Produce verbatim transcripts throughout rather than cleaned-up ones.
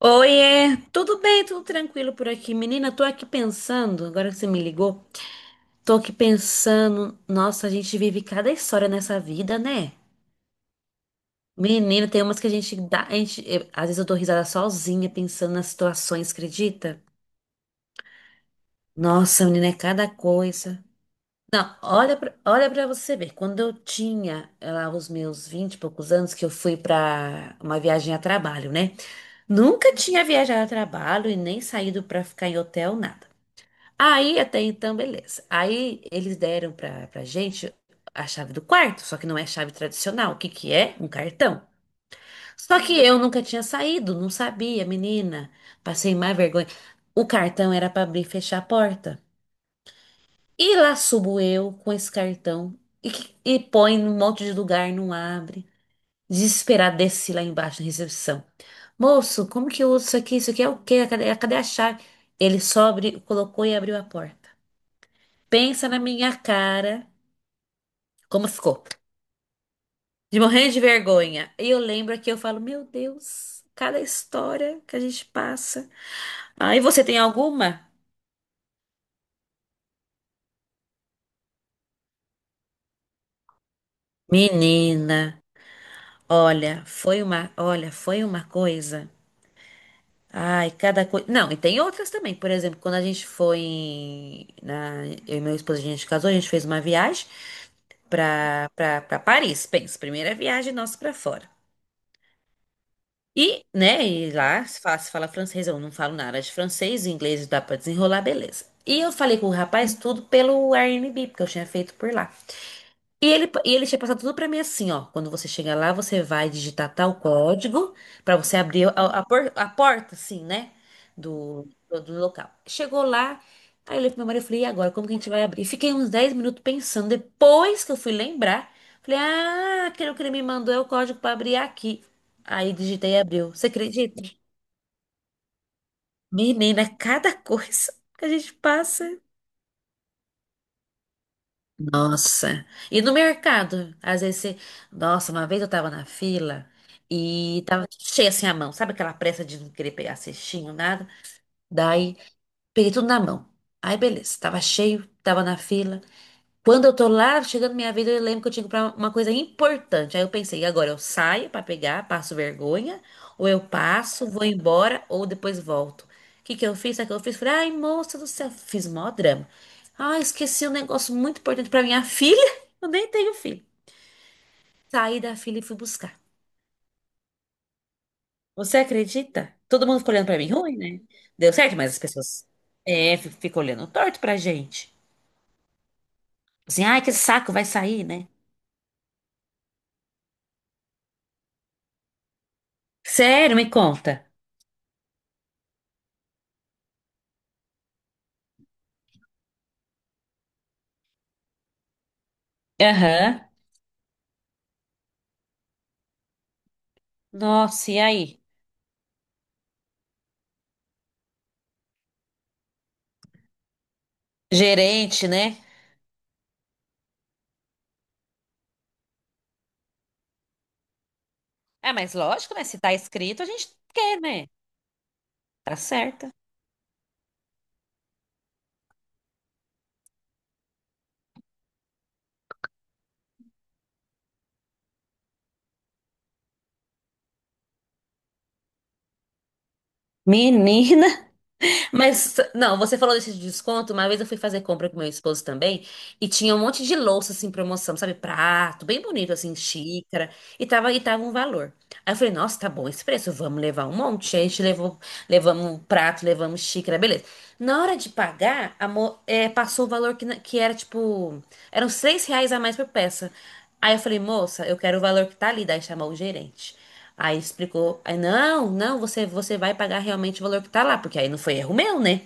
Oiê, tudo bem, tudo tranquilo por aqui. Menina, tô aqui pensando, agora que você me ligou, tô aqui pensando, nossa, a gente vive cada história nessa vida, né? Menina, tem umas que a gente dá, a gente, eu- às vezes eu dou risada sozinha pensando nas situações, acredita? Nossa, menina, é cada coisa. Não, olha pra, olha pra você ver, quando eu tinha eh, lá os meus vinte e poucos anos, que eu fui pra uma viagem a trabalho, né? Nunca tinha viajado a trabalho e nem saído pra ficar em hotel, nada. Aí até então, beleza. Aí eles deram pra, pra gente a chave do quarto, só que não é chave tradicional. O que que é? Um cartão. Só que eu nunca tinha saído, não sabia, menina. Passei mais vergonha. O cartão era pra abrir e fechar a porta. E lá subo eu com esse cartão e, que- e põe num monte de lugar, não abre. Desesperada, desci lá embaixo na recepção. Moço, como que eu uso isso aqui? Isso aqui é o quê? Cadê, cadê a chave? Ele só abri- colocou e abriu a porta. Pensa na minha cara, como ficou, de morrer de vergonha. E eu lembro que eu falo, meu Deus, cada história que a gente passa. Aí você tem alguma? Menina, olha, foi uma, olha, foi uma coisa. Ai, cada coisa. Não, e tem outras também. Por exemplo, quando a gente foi em- na, eu e meu esposo, a gente casou, a gente fez uma viagem pra para Paris. Pensa, primeira viagem nossa pra fora. E, né, e lá se fala, se fala francês, eu não falo nada de francês, inglês dá pra desenrolar, beleza. E eu falei com o rapaz tudo pelo Airbnb, porque eu tinha feito por lá. E ele, e ele tinha passado tudo pra mim assim, ó. Quando você chegar lá, você vai digitar tal código pra você abrir a, a, por- a porta, assim, né? Do, do, do local. Chegou lá, aí eu olhei pro meu marido e falei, e agora, como que a gente vai abrir? Fiquei uns dez minutos pensando. Depois que eu fui lembrar, falei, ah, aquele que ele me mandou é o código pra abrir aqui. Aí digitei e abriu. Você acredita? Menina, cada coisa que a gente passa. Nossa. E no mercado, às vezes você... Nossa, uma vez eu tava na fila e tava cheia assim a mão. Sabe aquela pressa de não querer pegar cestinho, nada? Daí, peguei tudo na mão. Aí, beleza. Tava cheio, tava na fila. Quando eu tô lá, chegando minha vida, eu lembro que eu tinha que comprar uma coisa importante. Aí eu pensei, e agora eu saio pra pegar, passo vergonha, ou eu passo, vou embora, ou depois volto. O que que eu fiz? Sabe o que eu fiz? Falei, ai, moça do céu, fiz mó drama. Ah, esqueci um negócio muito importante pra minha filha. Eu nem tenho filho. Saí da fila e fui buscar. Você acredita? Todo mundo ficou olhando pra mim ruim, né? Deu certo, mas as pessoas é, fi- ficam olhando torto pra gente. Assim, ai, que saco, vai sair, né? Sério, me conta. Aham. Nossa, e aí? Gerente, né? É, mas lógico, né? Se tá escrito, a gente quer, né? Tá certa. Menina, mas não, você falou desse desconto. Uma vez eu fui fazer compra com meu esposo também e tinha um monte de louça assim, promoção, sabe? Prato, bem bonito, assim, xícara, e tava, e tava um valor. Aí eu falei, nossa, tá bom esse preço, vamos levar um monte. Aí a gente levou, levamos um prato, levamos xícara, beleza. Na hora de pagar, a mo- é, passou o valor que, na- que era tipo. Eram seis reais a mais por peça. Aí eu falei, moça, eu quero o valor que tá ali. Daí chamou o gerente. Aí explicou. Aí, não, não, você, você vai pagar realmente o valor que tá lá. Porque aí não foi erro meu, né?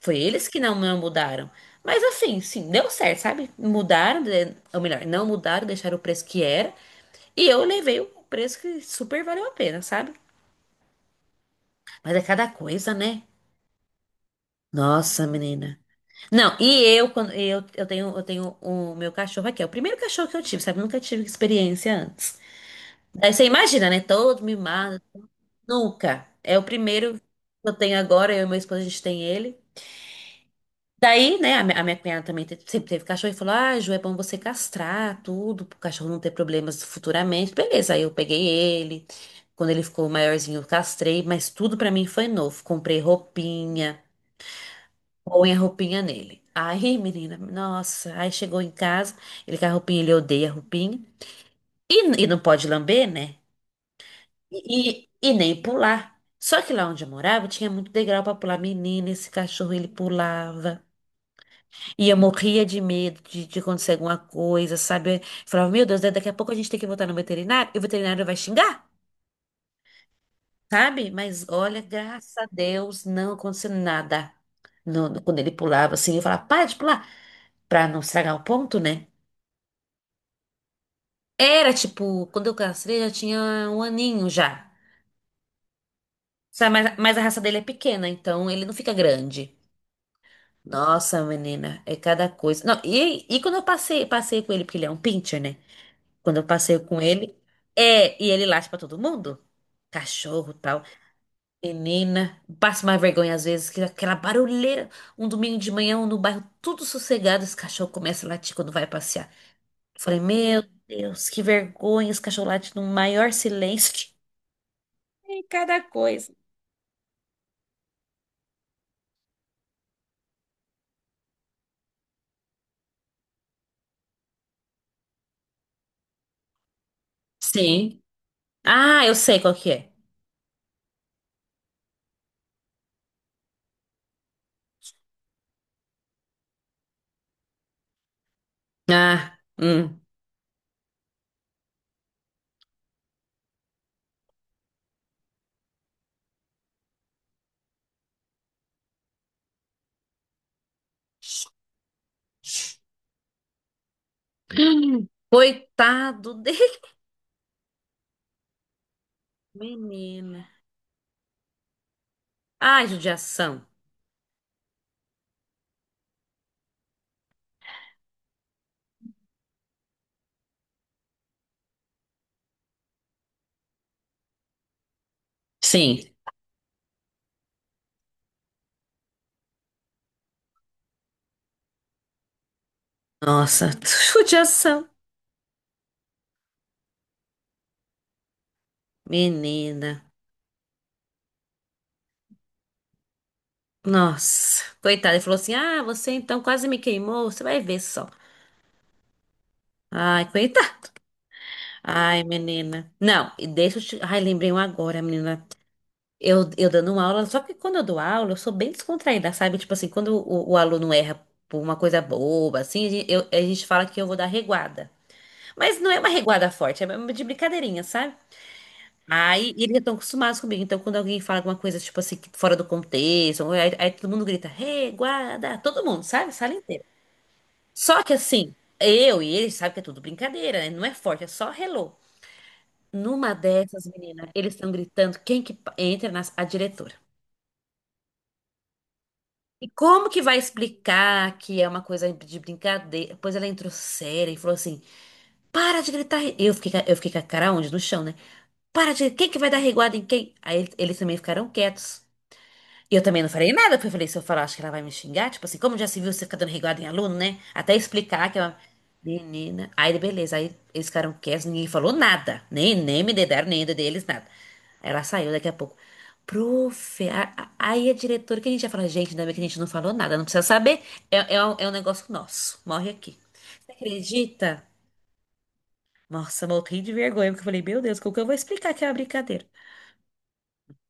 Foi eles que não, não mudaram. Mas assim, sim, deu certo, sabe? Mudaram, né? Ou melhor, não mudaram, deixaram o preço que era. E eu levei o preço que super valeu a pena, sabe? Mas é cada coisa, né? Nossa, menina. Não, e eu, quando eu, eu tenho, eu tenho o meu cachorro aqui. É o primeiro cachorro que eu tive, sabe? Nunca tive experiência antes. Daí você imagina, né? Todo mimado. Nunca. É o primeiro que eu tenho agora. Eu e meu esposo, a gente tem ele. Daí, né, a minha, a minha cunhada também te- sempre teve cachorro e falou: Ah, Ju, é bom você castrar tudo, pro cachorro não ter problemas futuramente. Beleza, aí eu peguei ele. Quando ele ficou maiorzinho, eu castrei, mas tudo pra mim foi novo. Comprei roupinha. Põe a roupinha nele. Aí, menina, nossa, aí chegou em casa, ele com a roupinha, ele odeia a roupinha. E, e não pode lamber, né? E, e, nem pular. Só que lá onde eu morava tinha muito degrau pra pular. Menina, esse cachorro ele pulava. E eu morria de medo de, de acontecer alguma coisa, sabe? Eu falava, meu Deus, né, daqui a pouco a gente tem que voltar no veterinário e o veterinário vai xingar, sabe? Mas olha, graças a Deus, não aconteceu nada. No- no- quando ele pulava assim, eu falava, para de pular, pra não estragar o ponto, né? Era tipo, quando eu castrei já tinha um aninho já. Sabe, mas, mas a raça dele é pequena, então ele não fica grande. Nossa, menina, é cada coisa. Não, e, e quando eu passei, passei com ele, porque ele é um pincher, né? Quando eu passei com ele, é, e ele late pra todo mundo. Cachorro, tal. Menina, passa uma vergonha às vezes, que aquela barulheira, um domingo de manhã, um no bairro tudo sossegado, esse cachorro começa a latir quando vai passear. Eu falei, meu Deus, que vergonha, esse cachorro late no maior silêncio. Tem cada coisa. Sim. Ah, eu sei qual que é. Ah, hum. Coitado dele. Menina. Ai, judiação. Sim. Nossa, judiação. Menina. Nossa. Coitado. Ele falou assim: Ah, você então quase me queimou. Você vai ver só. Ai, coitado. Ai, menina. Não, e deixa eu te. Ai, lembrei um agora, menina. Eu, eu dando aula, só que quando eu dou aula, eu sou bem descontraída, sabe? Tipo assim, quando o, o aluno erra por uma coisa boba, assim, a gente, eu- a gente fala que eu vou dar reguada. Mas não é uma reguada forte, é uma de brincadeirinha, sabe? Aí eles já estão acostumados comigo. Então, quando alguém fala alguma coisa, tipo assim, que fora do contexto, ou aí, aí todo mundo grita, reguada, todo mundo, sabe? Sala inteira. Só que assim, eu e eles sabem que é tudo brincadeira, né? Não é forte, é só hello. Numa dessas, menina, eles estão gritando, quem que pa- entra na, a diretora. E como que vai explicar que é uma coisa de brincadeira? Depois ela entrou séria e falou assim: Para de gritar. Re-" Eu fiquei, ca- eu fiquei com a cara onde? No chão, né? Para de. Quem que vai dar reguada em quem? Aí eles eles também ficaram quietos. Eu também não falei nada, porque eu falei, se eu falar, acho que ela vai me xingar. Tipo assim, como já se viu você ficar dando reguada em aluno, né? Até explicar que ela. Menina. Aí, beleza. Aí eles ficaram quietos, ninguém falou nada. Nem, nem me dedaram, nem deles, nada. Aí ela saiu daqui a pouco. Prof, a- a- aí a diretora que a gente ia falar, gente, ainda bem que a gente não falou nada, não precisa saber. É, é, um, é um negócio nosso. Morre aqui. Você acredita? Nossa, eu morri de vergonha, porque eu falei, meu Deus, como que eu vou explicar que é uma brincadeira?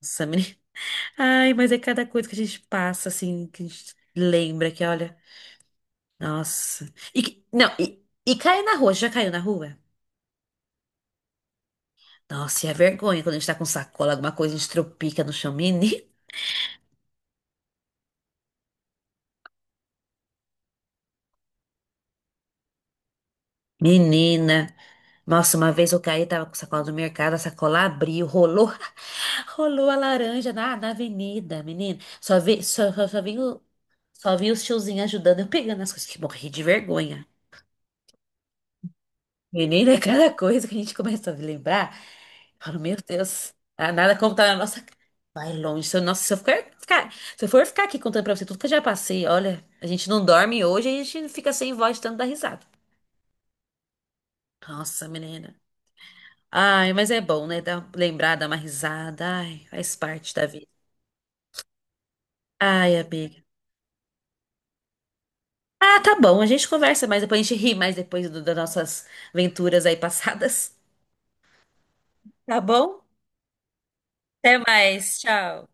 Nossa, ai, mas é cada coisa que a gente passa, assim, que a gente lembra que, olha, nossa. E, que- não, e, e cair na rua, já caiu na rua? Nossa, e a vergonha quando a gente tá com sacola, alguma coisa, a gente tropica no chão. Meni- Menina, nossa, uma vez eu caí, tava com sacola do mercado, a sacola abriu, rolou, rolou a laranja na, na avenida, menina. Só vi, só, só, só vi, o- só vi os tiozinhos ajudando, eu pegando as coisas, que morri de vergonha. Menina, é cada coisa que a gente começa a lembrar, eu falo, meu Deus, ah, nada como tá na nossa. Vai longe. Se eu, nossa, se eu ficar, ficar- se eu for ficar aqui contando pra você tudo que eu já passei, olha, a gente não dorme hoje, a gente fica sem voz de tanto dar risada. Nossa, menina. Ai, mas é bom, né? Dar, lembrar, dar uma risada. Ai, faz parte da vida. Ai, amiga. Ah, tá bom, a gente conversa mais depois, a gente ri mais depois do- das nossas aventuras aí passadas. Tá bom? Até mais, tchau.